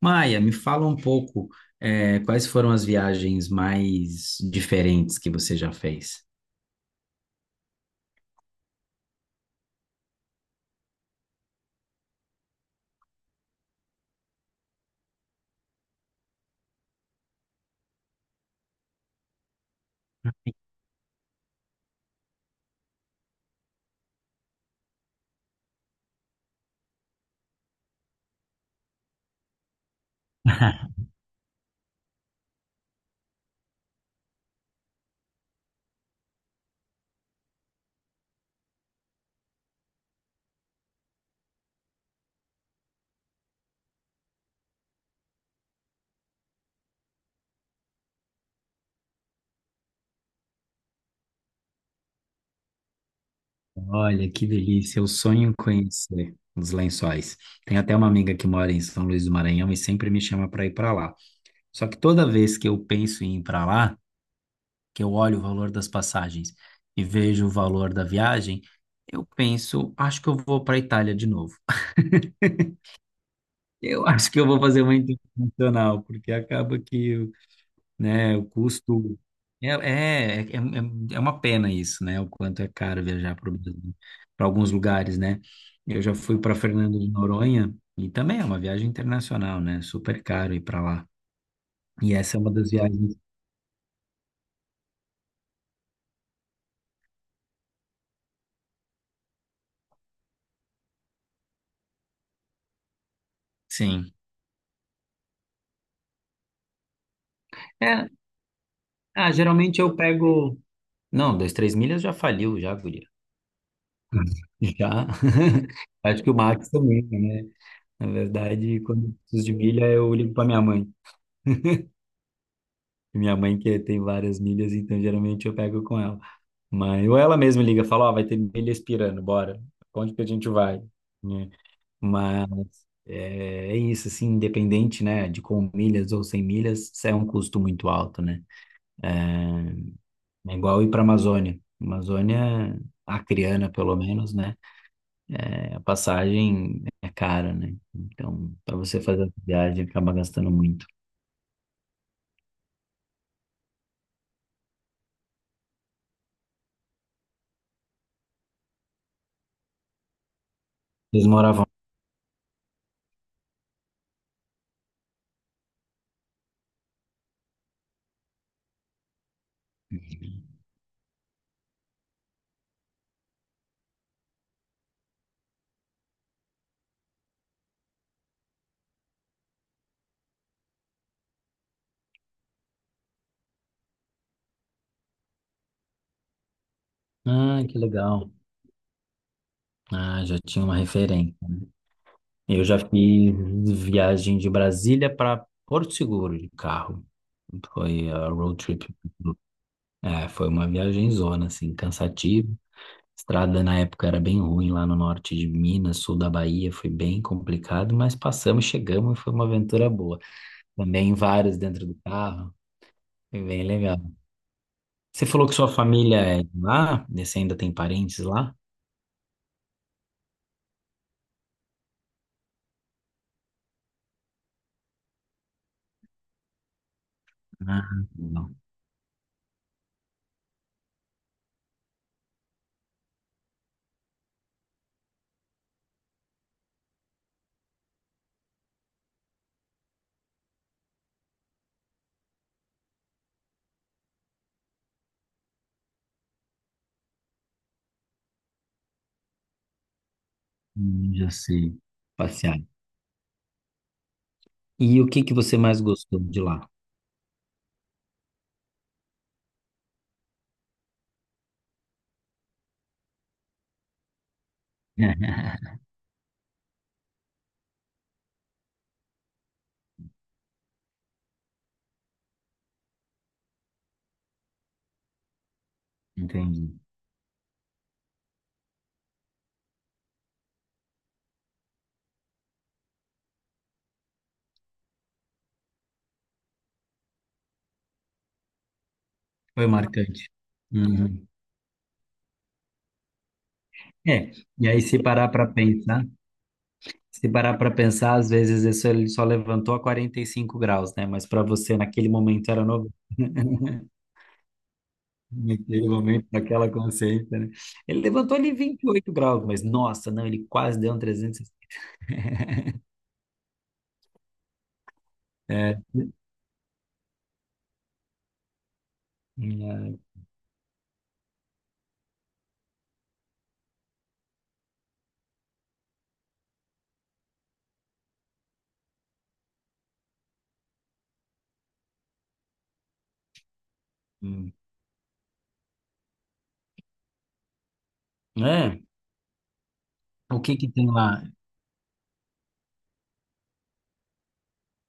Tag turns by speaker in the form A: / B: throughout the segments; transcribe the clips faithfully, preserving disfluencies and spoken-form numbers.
A: Maia, me fala um pouco, eh, quais foram as viagens mais diferentes que você já fez? Olha, que delícia, eu sonho em conhecer os Lençóis. Tem até uma amiga que mora em São Luís do Maranhão e sempre me chama para ir para lá. Só que toda vez que eu penso em ir para lá, que eu olho o valor das passagens e vejo o valor da viagem, eu penso, acho que eu vou para a Itália de novo. Eu acho que eu vou fazer uma internacional, porque acaba que né? O custo. É, é, é, é é uma pena isso, né? O quanto é caro viajar para alguns lugares, né? Eu já fui para Fernando de Noronha e também é uma viagem internacional, né? Super caro ir para lá. E essa é uma das viagens. Sim. É, ah, geralmente eu pego. Não, dois, três milhas já faliu, já, guria. Já. Acho que o Max também, né? Na verdade, quando eu preciso de milha, eu ligo para minha mãe. Minha mãe que tem várias milhas, então geralmente eu pego com ela. Mas, ou ela mesma liga, fala, ó, vai ter milha expirando, bora. Onde que a gente vai? Né? Mas é, é isso, assim, independente, né, de com milhas ou sem milhas, isso é um custo muito alto, né? É, é igual ir para Amazônia. Amazônia acriana, pelo menos, né? É, a passagem é cara, né? Então, para você fazer a viagem, acaba gastando muito. Eles moravam. Ah, que legal. Ah, já tinha uma referência. Né? Eu já fiz viagem de Brasília para Porto Seguro de carro. Foi a road trip. É, foi uma viagem zona, assim, cansativa. Estrada na época era bem ruim lá no norte de Minas, sul da Bahia, foi bem complicado, mas passamos, chegamos e foi uma aventura boa. Também vários dentro do carro, foi bem legal. Você falou que sua família é de lá? E você ainda tem parentes lá? Ah, não. Hum, já sei. Passear. E o que que você mais gostou de lá? Entendi. Foi marcante. Uhum. É, e aí se parar para pensar, se parar para pensar, às vezes isso ele só levantou a quarenta e cinco graus, né? Mas para você naquele momento era novo, naquele momento, naquela consciência, né? Ele levantou ali vinte e oito graus, mas nossa, não, ele quase deu um trezentos. É, é, hum. É, o que que tem lá?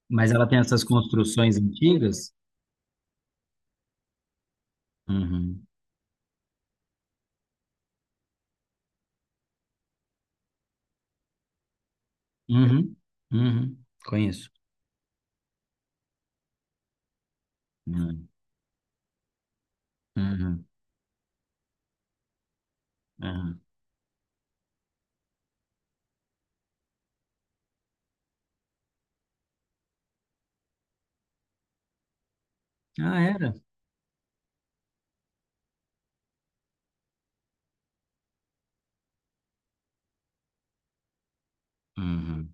A: Mas ela tem essas construções antigas? Uhum. Uhum. Uhum. Conheço. Uhum. Uhum, uhum. Ah, era. Uhum,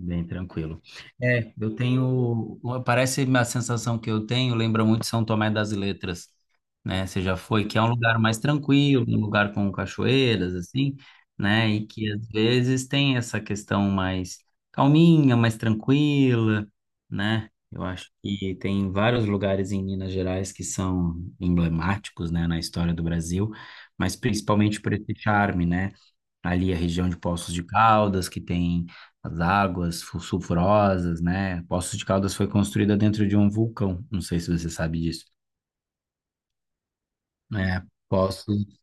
A: bem tranquilo. É, eu tenho. Parece a sensação que eu tenho, lembra muito São Tomé das Letras, né? Você já foi, que é um lugar mais tranquilo, um lugar com cachoeiras, assim, né? E que às vezes tem essa questão mais calminha, mais tranquila, né? Eu acho que tem vários lugares em Minas Gerais que são emblemáticos, né, na história do Brasil, mas principalmente por esse charme, né? Ali a região de Poços de Caldas, que tem as águas fu- sulfurosas, né? Poços de Caldas foi construída dentro de um vulcão, não sei se você sabe disso. É, Poços.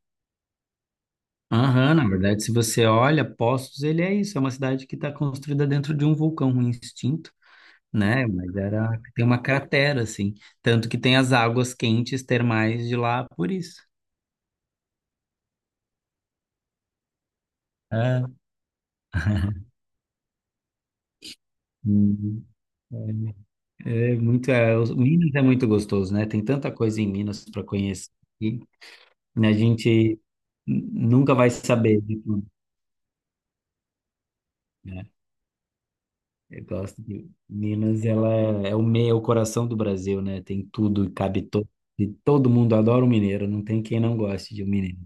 A: Aham, na verdade, se você olha, Poços, ele é isso, é uma cidade que está construída dentro de um vulcão, um extinto, né? Mas era, tem uma cratera, assim. Tanto que tem as águas quentes termais de lá por isso. É. Hum, É, é muito, é, os- Minas é muito gostoso, né? Tem tanta coisa em Minas para conhecer. Né, a gente nunca vai saber de tudo, né? Eu gosto de Minas, ela é, é o meio, é o coração do Brasil, né? Tem tudo, e cabe todo, e todo mundo adora o mineiro, não tem quem não goste de um mineiro.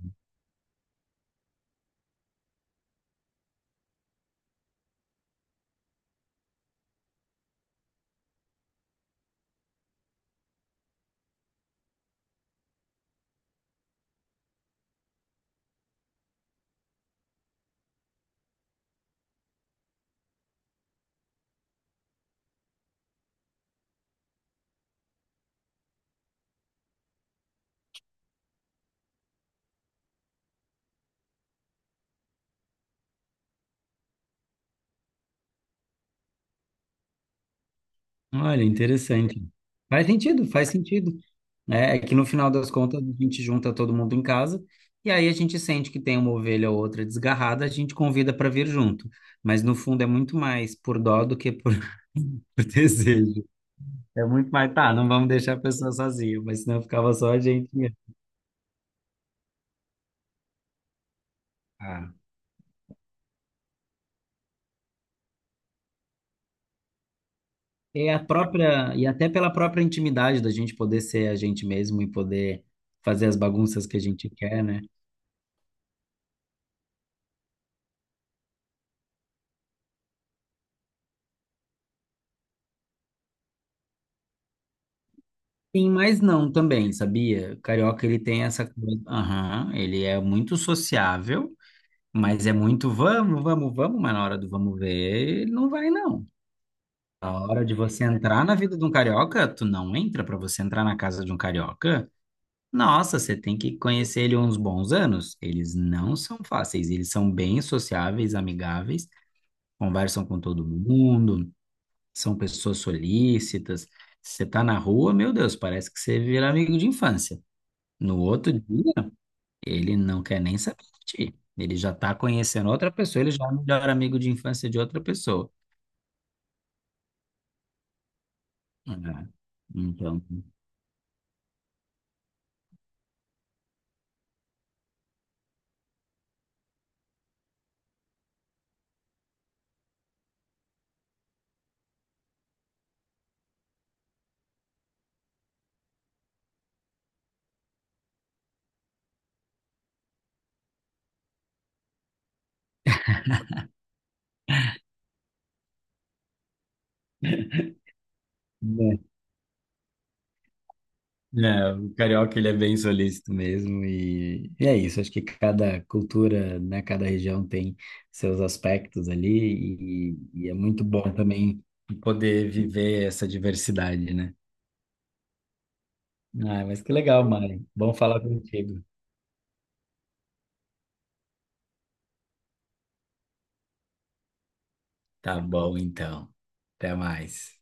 A: Olha, interessante. Faz sentido, faz sentido. Né? É que no final das contas a gente junta todo mundo em casa e aí a gente sente que tem uma ovelha ou outra desgarrada, a gente convida para vir junto. Mas no fundo é muito mais por dó do que por, por desejo. É muito mais, tá, não vamos deixar a pessoa sozinha, mas senão ficava só a gente mesmo. Ah. É a própria, e até pela própria intimidade da gente poder ser a gente mesmo e poder fazer as bagunças que a gente quer, né? Sim, mas não também, sabia? O carioca, ele tem essa coisa, aham, ele é muito sociável, mas é muito vamos, vamos, vamos, mas na hora do vamos ver, ele não vai não. A hora de você entrar na vida de um carioca, tu não entra pra você entrar na casa de um carioca. Nossa, você tem que conhecer ele uns bons anos. Eles não são fáceis, eles são bem sociáveis, amigáveis, conversam com todo mundo, são pessoas solícitas. Se você tá na rua, meu Deus, parece que você vira amigo de infância. No outro dia, ele não quer nem saber de ti. Ele já tá conhecendo outra pessoa, ele já é o melhor amigo de infância de outra pessoa. É. Então, é. É, o carioca ele é bem solícito mesmo e, e é isso. Acho que cada cultura, né, cada região tem seus aspectos ali e, e é muito bom também poder viver essa diversidade, né? Ah, mas que legal, Mari. Bom falar contigo. Tá bom, então. Até mais.